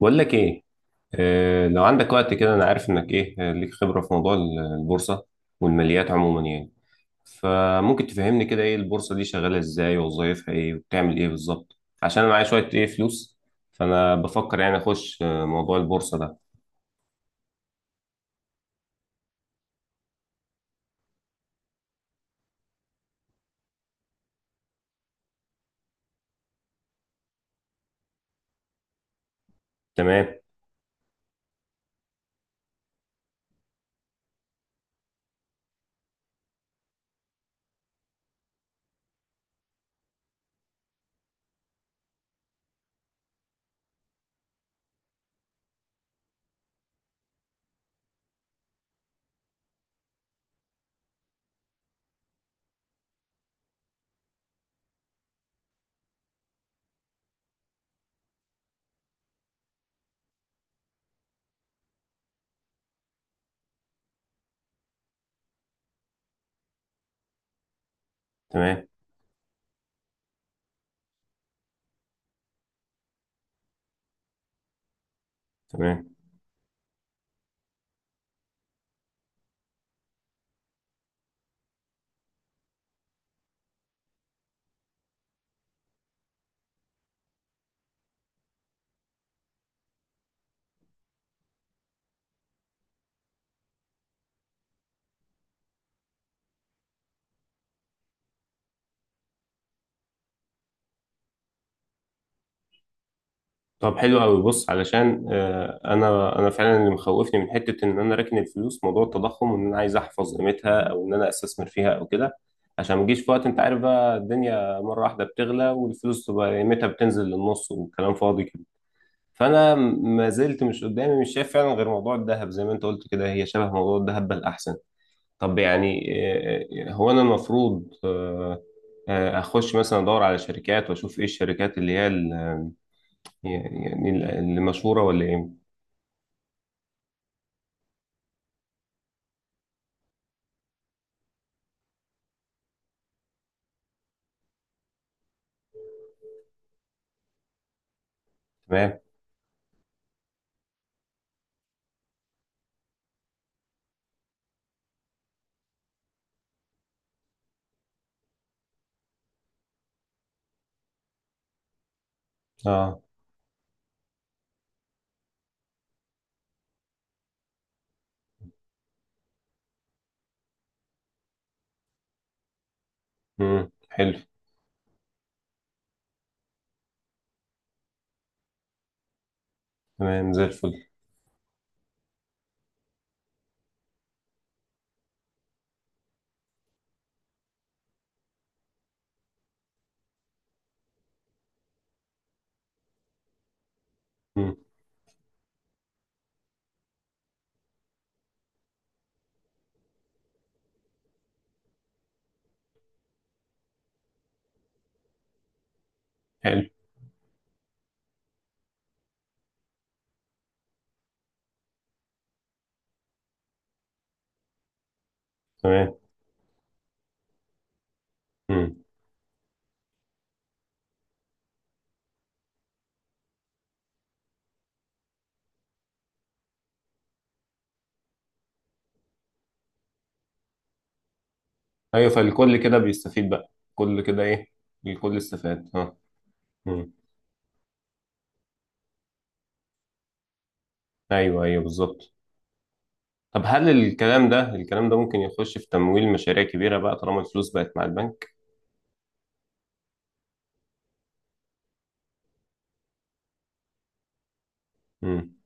بقول لك ايه. لو عندك وقت كده، انا عارف انك ايه. ليك خبرة في موضوع البورصة والماليات عموما يعني. فممكن تفهمني كده ايه البورصة دي، شغالة ازاي، ووظايفها ايه، وبتعمل ايه بالظبط؟ عشان انا معايا شوية ايه فلوس، فانا بفكر يعني اخش موضوع البورصة ده. تمام. تمام. تمام. طب حلو قوي. بص، علشان انا فعلا اللي مخوفني من حته ان انا راكن الفلوس، موضوع التضخم، وان انا عايز احفظ قيمتها، او ان انا استثمر فيها او كده، عشان ما اجيش في وقت، انت عارف بقى، الدنيا مره واحده بتغلى والفلوس تبقى قيمتها بتنزل للنص وكلام فاضي كده. فانا ما زلت مش قدامي، مش شايف فعلا غير موضوع الذهب، زي ما انت قلت كده هي شبه موضوع الذهب بل احسن. طب يعني، هو انا المفروض اخش مثلا ادور على شركات واشوف ايه الشركات اللي هي يعني المشهورة ولا ايه؟ تمام. اه. امم. حلو. تمام زي الفل. امم. حلو. تمام. امم. ايوه، فالكل كده بيستفيد بقى، كل كده ايه، الكل استفاد. اه. امم. ايوه ايوه بالظبط. طب هل الكلام ده، ممكن يخش في تمويل مشاريع كبيرة بقى طالما الفلوس بقت مع البنك؟ امم.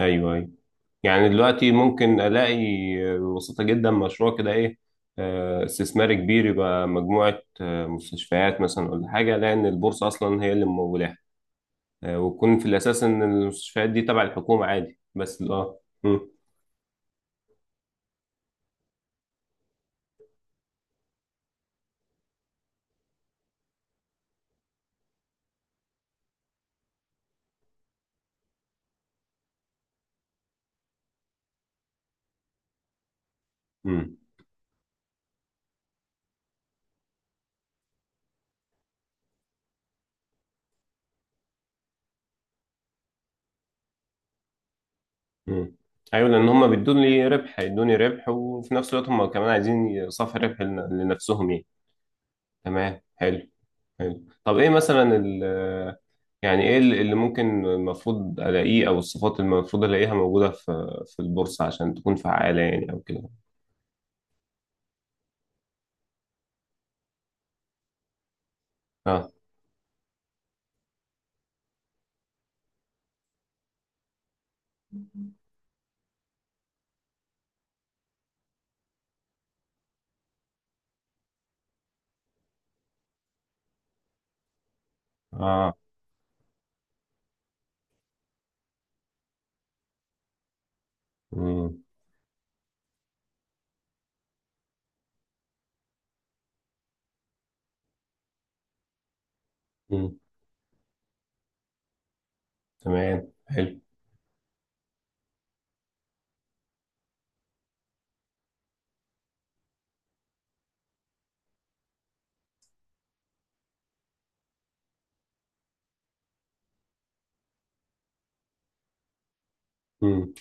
ايوه ايوه. يعني دلوقتي ممكن الاقي، ببساطة جدا، مشروع كده ايه استثماري كبير، يبقى مجموعة مستشفيات مثلا ولا حاجة، لأن البورصة أصلا هي اللي ممولة ويكون في الأساس إن المستشفيات دي تبع الحكومة عادي بس. اه. مم. مم. مم. أيوة، لأن هما بيدوني ربح، هيدوني ربح، وفي نفس الوقت هما كمان عايزين صافي ربح لنفسهم يعني. تمام. حلو. حلو. طب إيه مثلا ال، يعني إيه اللي ممكن المفروض ألاقيه، أو الصفات اللي المفروض ألاقيها موجودة في البورصة عشان تكون فعالة يعني أو كده؟ اه. اه. مم. مم. تمام. حلو. مم.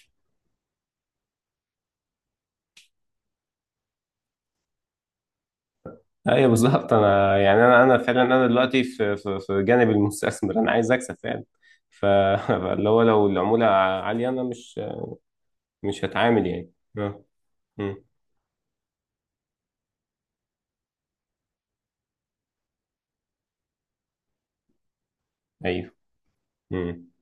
ايوه بالظبط. انا يعني، انا فعلا انا دلوقتي في جانب المستثمر، انا عايز اكسب فعلا. ف- فاللي هو لو العموله عاليه انا مش، هتعامل يعني. اه. امم. ايوه. امم.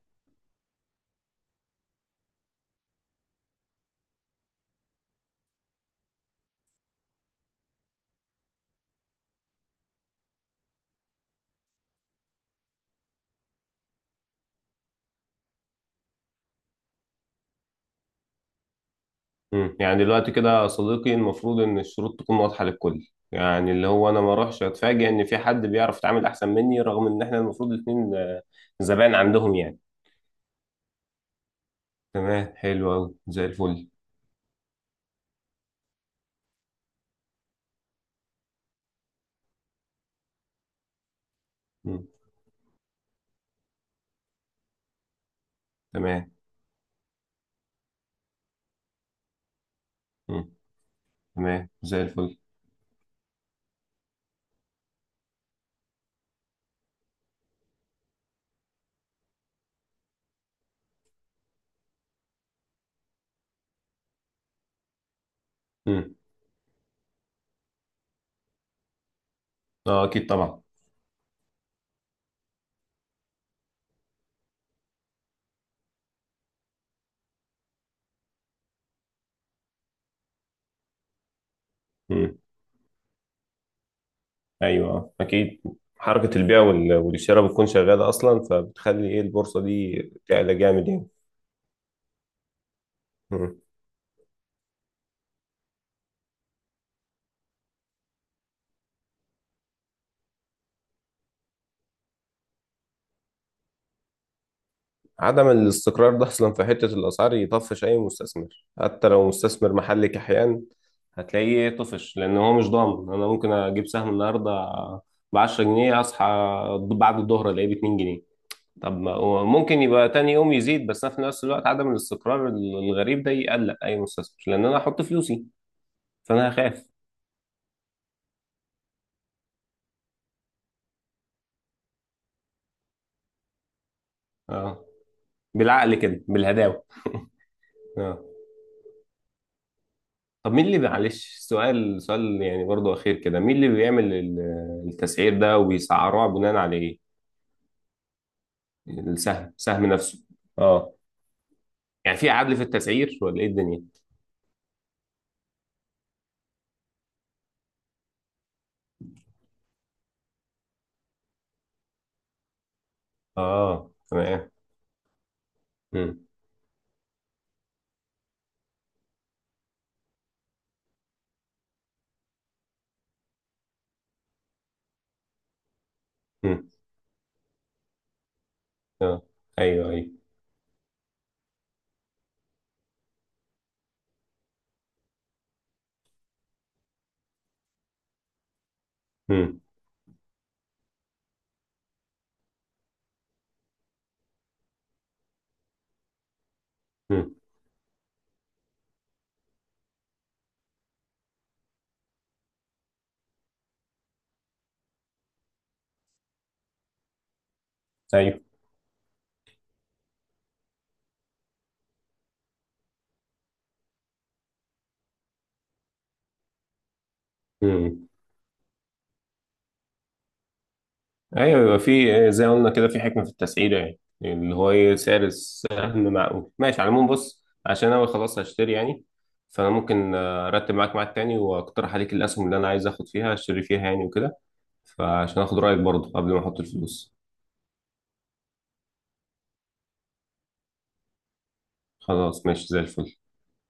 امم. يعني دلوقتي كده يا صديقي، المفروض ان الشروط تكون واضحه للكل، يعني اللي هو انا ما اروحش اتفاجئ ان في حد بيعرف يتعامل احسن مني، رغم ان احنا المفروض الاثنين زبائن عندهم يعني. تمام. حلو قوي زي الفل. امم. تمام. امم. تمام زي الفل. امم. اه اكيد طبعا. مم. ايوه اكيد، حركه البيع والشراء بتكون شغاله اصلا، فبتخلي ايه البورصه دي تعلى جامد يعني. مم. عدم الاستقرار ده اصلا في حته الاسعار يطفش اي مستثمر، حتى لو مستثمر محلي كحيان، هتلاقيه إيه، طفش، لان هو مش ضامن. انا ممكن اجيب سهم النهارده ب 10 جنيه، اصحى بعد الظهر الاقيه ب 2 جنيه. طب ما هو ممكن يبقى تاني يوم يزيد، بس أنا في نفس الوقت عدم الاستقرار الغريب ده يقلق اي مستثمر، لان انا هحط فلوسي، فانا هخاف. اه، بالعقل كده، بالهداوه. اه. طب مين اللي، معلش، سؤال، سؤال يعني برضو اخير كده، مين اللي بيعمل التسعير ده وبيسعروها بناء على ايه؟ السهم، سهم نفسه. اه، يعني في عدل في التسعير ولا ايه الدنيا؟ اه. تمام. امم. امم. اه. ايوه ايوه. امم. امم. ايوه. امم. ايوه، يبقى في زي ما قلنا كده في حكمه في التسعيره، يعني اللي هو ايه سعر السهم معقول، ماشي على العموم. بص، عشان انا خلاص هشتري يعني، فانا ممكن ارتب معاك ميعاد تاني واقترح عليك الاسهم اللي انا عايز اخد فيها، اشتري فيها يعني وكده، فعشان اخد رايك برضه قبل ما احط الفلوس. خلاص، ماشي زي الفل.